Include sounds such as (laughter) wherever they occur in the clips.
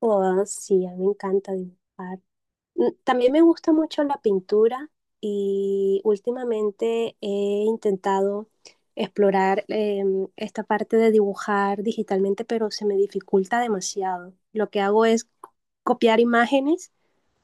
Oh, sí, a mí me encanta dibujar. También me gusta mucho la pintura y últimamente he intentado explorar esta parte de dibujar digitalmente, pero se me dificulta demasiado. Lo que hago es copiar imágenes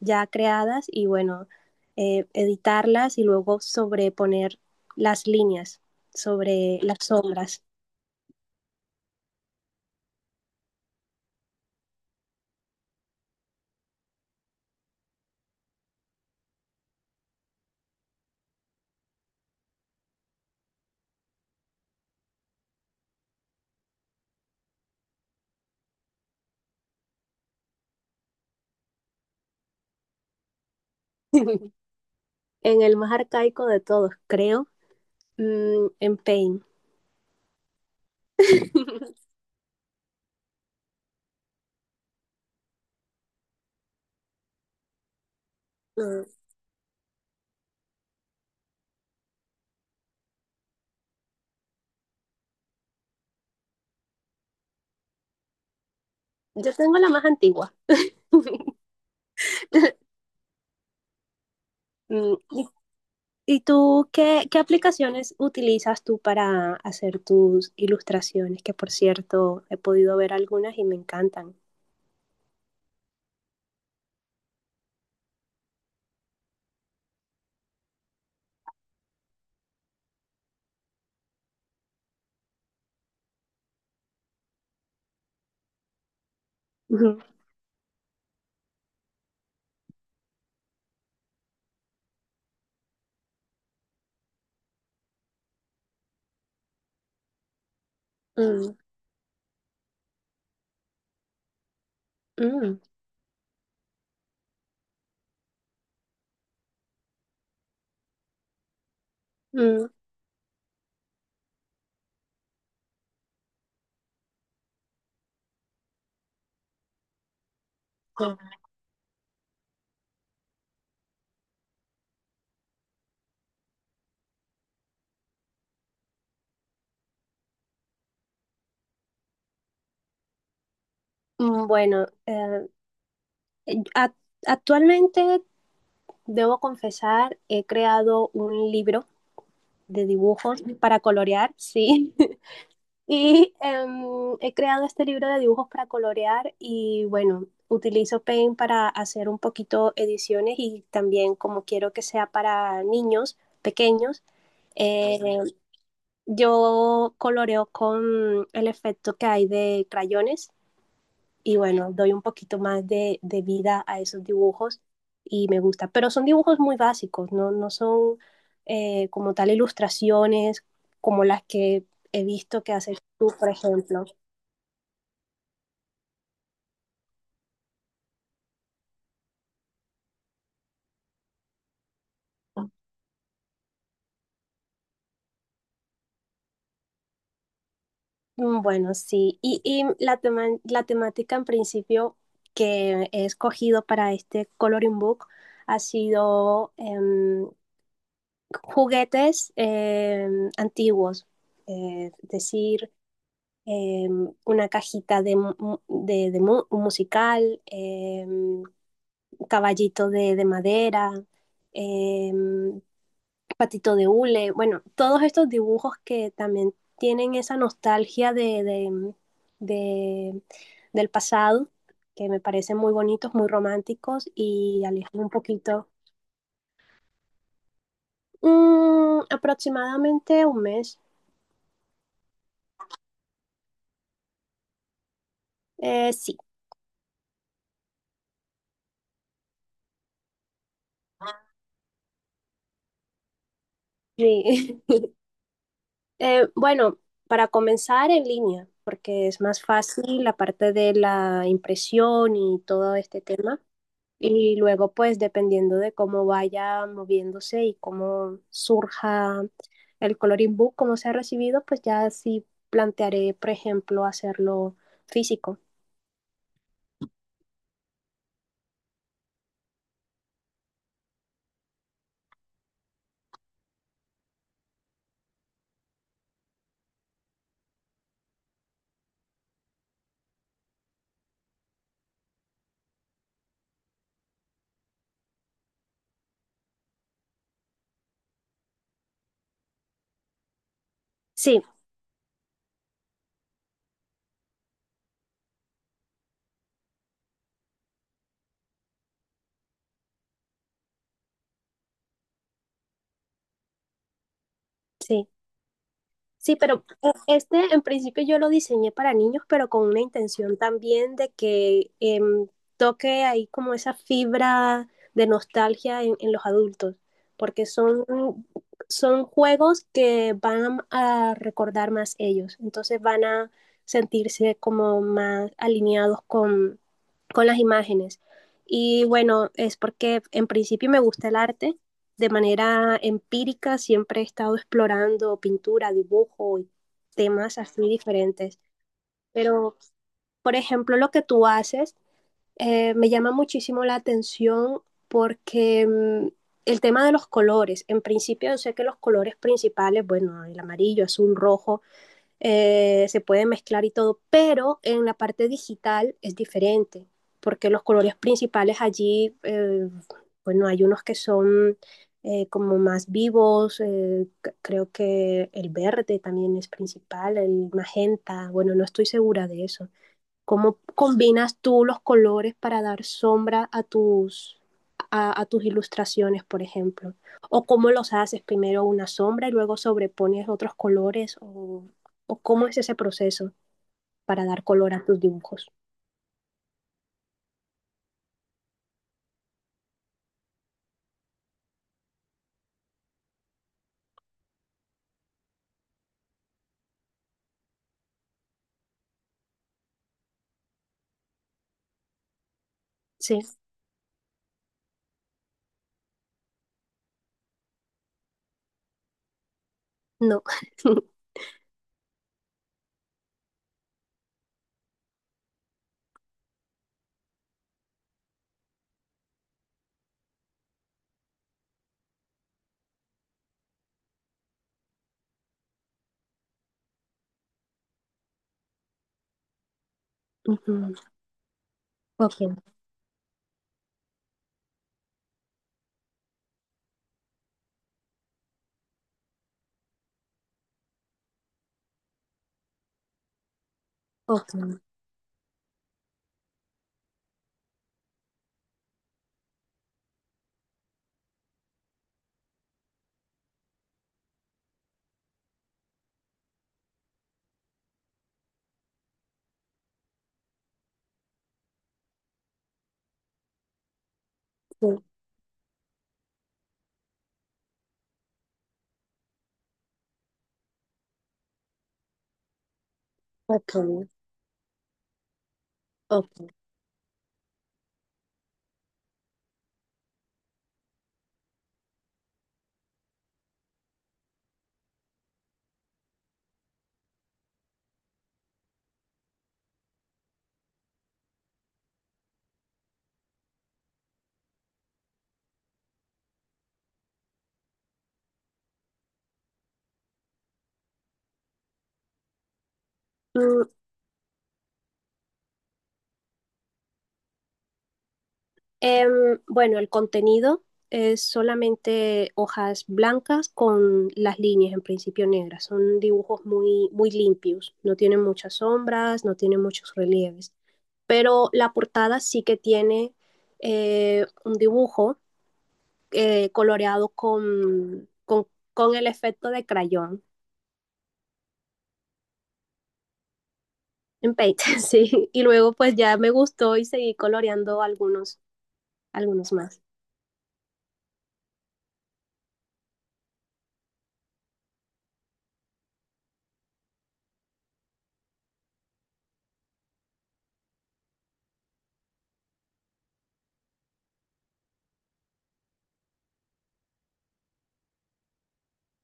ya creadas y bueno, editarlas y luego sobreponer las líneas sobre las sombras. (laughs) En el más arcaico de todos, creo, en Paint. (laughs) Mm, Yo tengo la más antigua. (laughs) ¿Y y tú qué aplicaciones utilizas tú para hacer tus ilustraciones? Que por cierto, he podido ver algunas y me encantan. Ujú. Mm, mm, mm. Bueno, a- actualmente debo confesar, he creado un libro de dibujos para colorear, sí. (laughs) Y he creado este libro de dibujos para colorear y bueno, utilizo Paint para hacer un poquito ediciones y también como quiero que sea para niños pequeños, eh, yo coloreo con el efecto que hay de crayones y bueno, doy un poquito más de vida a esos dibujos y me gusta. Pero son dibujos muy básicos, no, no son como tal ilustraciones como las que he visto que haces tú, por ejemplo. Bueno, sí. Y la la temática en principio que he escogido para este coloring book ha sido juguetes antiguos. Es decir, eh, una cajita musical, caballito de madera, eh, patito de hule, bueno, todos estos dibujos que también tienen esa nostalgia de- del pasado, que me parecen muy bonitos, muy románticos y alejan un poquito, aproximadamente un mes. Sí, sí. (laughs) Bueno, para comenzar en línea, porque es más fácil la parte de la impresión y todo este tema. Y luego, pues, dependiendo de cómo vaya moviéndose y cómo surja el coloring book, cómo sea recibido, pues ya sí plantearé, por ejemplo, hacerlo físico. Sí, sí. Sí, pero este en principio yo lo diseñé para niños, pero con una intención también de que toque ahí como esa fibra de nostalgia en los adultos, porque son, son juegos que van a recordar más ellos, entonces van a sentirse como más alineados con las imágenes. Y bueno, es porque en principio me gusta el arte de manera empírica siempre he estado explorando pintura, dibujo y temas así diferentes. Pero, por ejemplo, lo que tú haces me llama muchísimo la atención porque el tema de los colores, en principio yo sé que los colores principales, bueno, el amarillo, azul, rojo, se puede mezclar y todo, pero en la parte digital es diferente, porque los colores principales allí, bueno, hay unos que son como más vivos, creo que el verde también es principal, el magenta, bueno, no estoy segura de eso. ¿Cómo combinas tú los colores para dar sombra a tus, a tus ilustraciones, por ejemplo? ¿O cómo los haces? Primero una sombra y luego sobrepones otros colores. O cómo es ese proceso para dar color a tus dibujos? Sí, no. (laughs) Ujú, ok, ok, sí, ok, ok. Mm, bueno, el contenido es solamente hojas blancas con las líneas en principio negras. Son dibujos muy, muy limpios, no tienen muchas sombras, no tienen muchos relieves. Pero la portada sí que tiene un dibujo coloreado con, con el efecto de crayón en Paint, (laughs) sí. Y luego pues ya me gustó y seguí coloreando algunos, algunos más.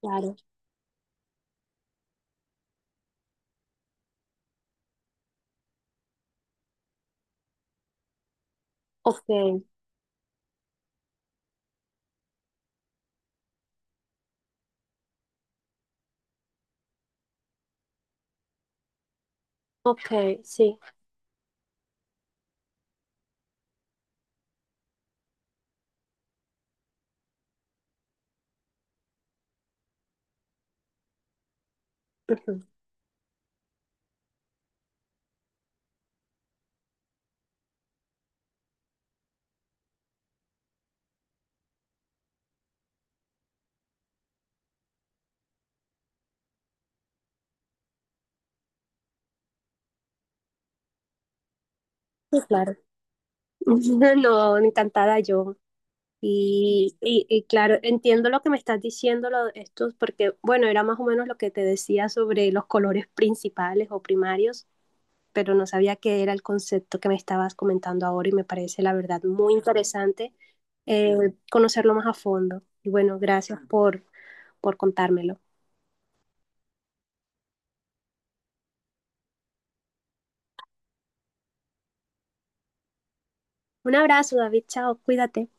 Claro. Ok, ok, sí. Ujú. Sí, claro. (laughs) No, encantada yo. Y claro, entiendo lo que me estás diciendo, lo, estos, porque bueno, era más o menos lo que te decía sobre los colores principales o primarios, pero no sabía qué era el concepto que me estabas comentando ahora y me parece la verdad muy interesante conocerlo más a fondo. Y bueno, gracias por contármelo. Un abrazo, David, chao, cuídate.